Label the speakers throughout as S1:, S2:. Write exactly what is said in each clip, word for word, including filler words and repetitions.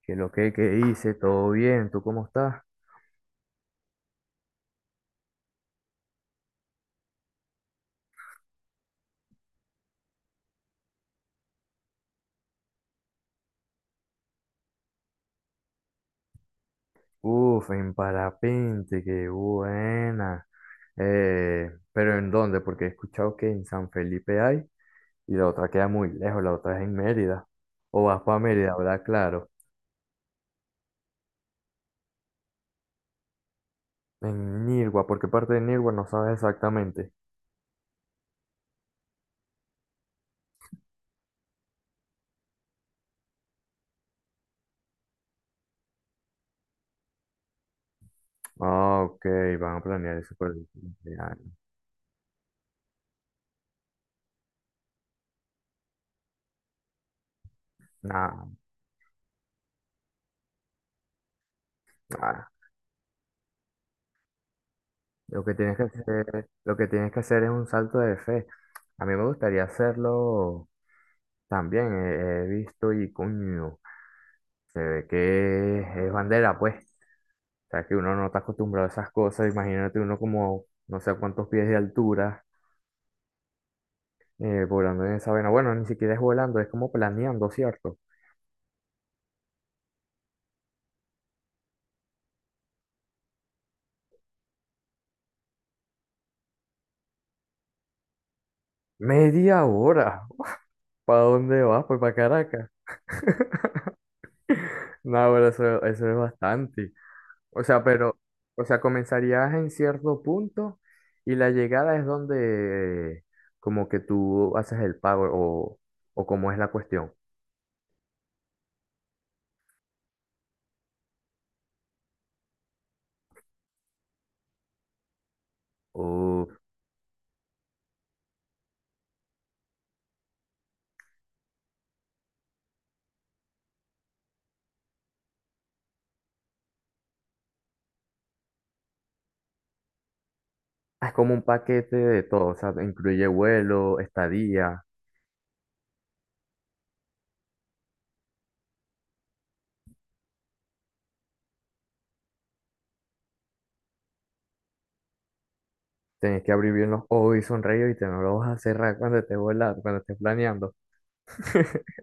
S1: Que lo que, que hice, todo bien, ¿tú cómo estás? Uf, en parapente, qué buena. Eh, pero ¿en dónde? Porque he escuchado que en San Felipe hay, y la otra queda muy lejos, la otra es en Mérida. O vas para Mérida, ¿verdad? Claro. En Nirgua, ¿por qué parte de Nirgua no sabes exactamente? Ah, ok, van a planear eso por el cumpleaños. Nah, nah. Lo que tienes que hacer, lo que tienes que hacer es un salto de fe. A mí me gustaría hacerlo. También he, he visto y coño, se ve que es bandera, pues. O sea, que uno no está acostumbrado a esas cosas. Imagínate, uno como no sé a cuántos pies de altura, eh, volando en esa vaina. Bueno, ni siquiera es volando, es como planeando, ¿cierto? Media hora. ¿Para dónde vas? Pues para Caracas. No, pero eso, eso es bastante. O sea, pero, o sea, comenzarías en cierto punto y la llegada es donde eh, como que tú haces el pago, o, o cómo es la cuestión. O Ah, es como un paquete de todo, o sea, incluye vuelo, estadía, tenés que abrir bien los ojos y sonreír y te no lo vas a cerrar cuando estés volando, cuando estés planeando.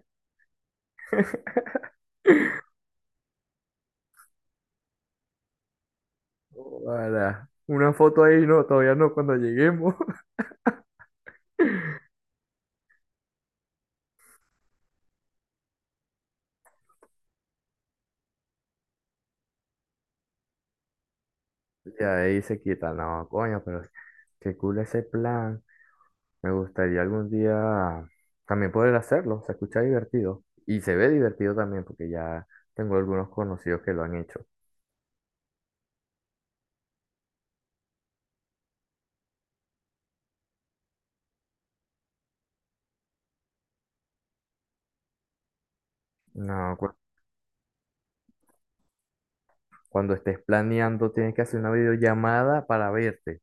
S1: Hola. Una foto ahí, no, todavía no, cuando lleguemos. Y ahí se quita, no, coño, pero qué cool ese plan. Me gustaría algún día también poder hacerlo, se escucha divertido. Y se ve divertido también, porque ya tengo algunos conocidos que lo han hecho. No, cuando estés planeando, tienes que hacer una videollamada para verte.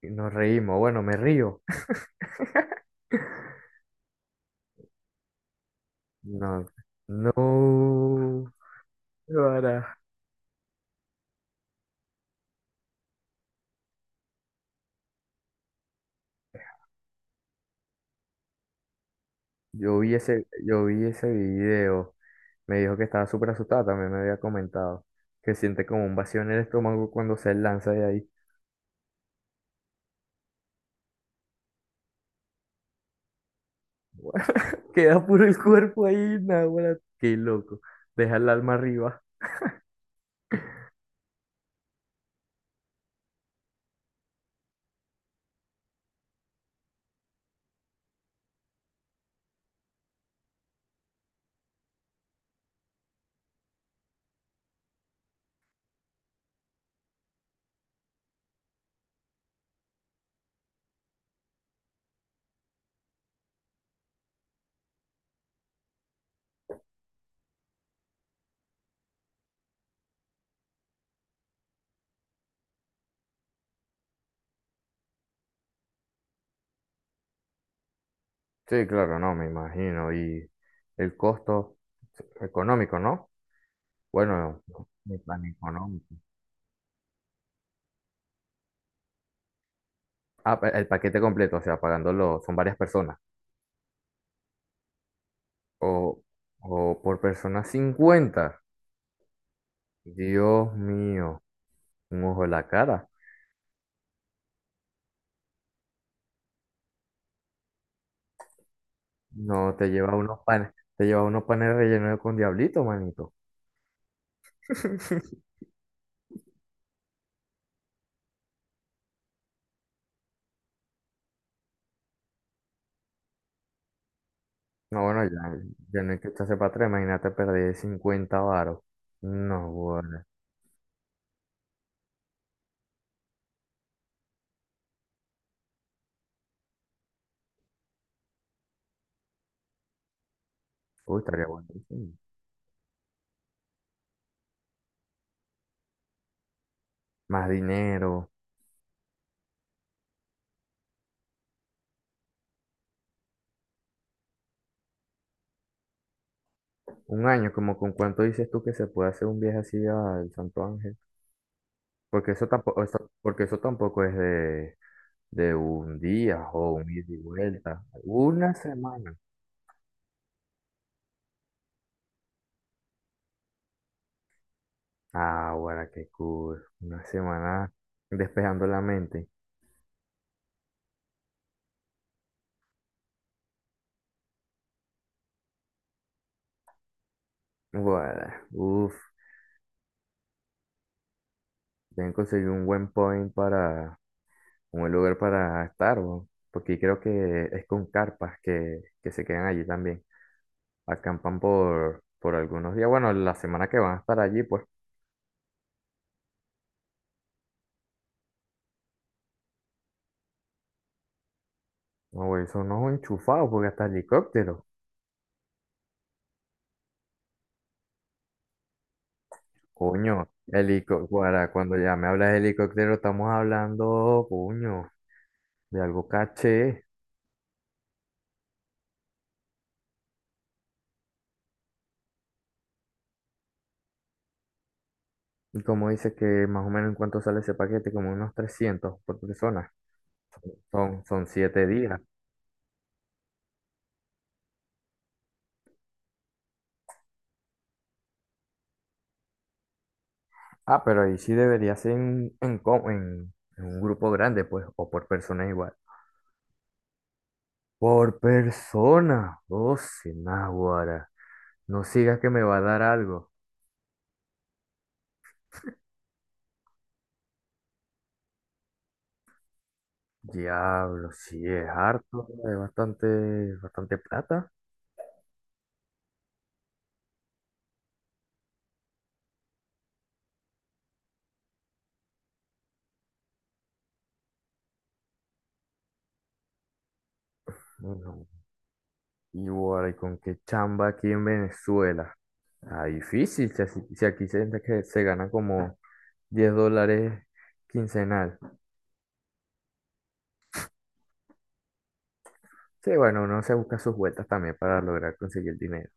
S1: Y nos reímos. Bueno, me río. No, no. Ahora, yo vi ese, yo vi ese video. Me dijo que estaba súper asustada, también me había comentado. Que siente como un vacío en el estómago cuando se lanza de ahí. Queda puro el cuerpo ahí, naguará. Qué loco. Deja el alma arriba. Sí, claro, no, me imagino. Y el costo económico, ¿no? Bueno, no, ni tan económico. Ah, pa- el paquete completo, o sea, pagándolo, son varias personas. O, o por persona cincuenta. Dios mío, un ojo en la cara. No, te lleva unos panes, te lleva unos panes rellenos con diablito, manito. No, bueno, ya, ya no hay que echarse para atrás, imagínate perder cincuenta varos. No, bueno. Uy, estaría buenísimo. Más dinero. Un año, como con cuánto dices tú que se puede hacer un viaje así al Santo Ángel. Porque eso tampoco, eso, porque eso tampoco es de, De un día o un ida y vuelta. Una semana. Ah, bueno, qué cool. Una semana despejando la mente. Bueno, uff. Tienen que conseguir un buen point para, un buen lugar para estar, bo. Porque creo que es con carpas que, que se quedan allí también. Acampan por, por algunos días. Bueno, la semana que van a estar allí, pues. No, güey, son unos enchufados porque hasta helicópteros. Coño, helicóptero, cuando ya me hablas de helicóptero, estamos hablando, coño, de algo caché. Y como dices que más o menos en cuánto sale ese paquete, como unos trescientos por persona. Son, son siete días. Ah, pero ahí sí debería ser en, en, co- en- en un grupo grande, pues, o por persona igual. Por persona, oh, sin náguara. No sigas que me va a dar algo. Diablo, sí, es harto, es bastante, bastante plata. Bueno, y bueno, ¿y con qué chamba aquí en Venezuela? Ah, difícil, si, así- si aquí se, que se gana como diez dólares quincenal. Sí, bueno, uno se busca sus vueltas también para lograr conseguir dinero.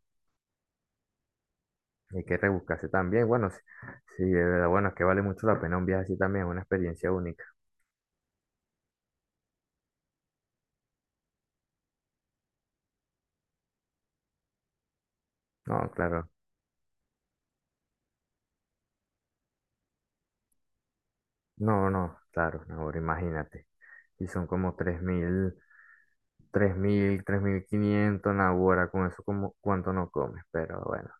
S1: Y hay que rebuscarse también. Bueno, sí, sí, de verdad, bueno, es que vale mucho la pena un viaje así también, es una experiencia única. No, claro, no, no, claro, no, ahora imagínate. Y son como tres tres mil tres mil tres mil quinientos ahora con eso como cuánto no comes, pero bueno,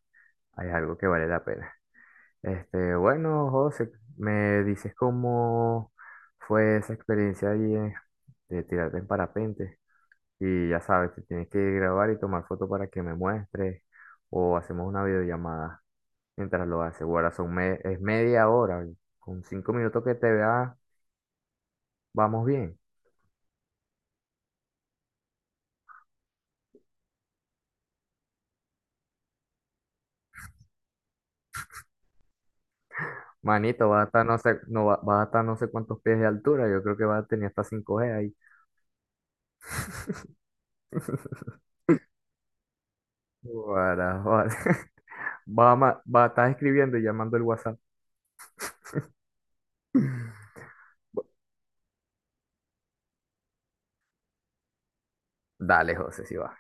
S1: hay algo que vale la pena. Este, bueno, José, me dices cómo fue esa experiencia ahí, eh, de tirarte en parapente. Y ya sabes, te tienes que grabar y tomar foto para que me muestres o hacemos una videollamada mientras lo haces. Bueno, son me- es media hora. Y con cinco minutos que te vea, vamos bien. Manito, vas a estar no sé, no, va- vas a estar no sé cuántos pies de altura. Yo creo que vas a tener hasta cinco g ahí. Guara, guara. Va a, ma- va a estar escribiendo y llamando el WhatsApp. Bu- Dale, José, si va.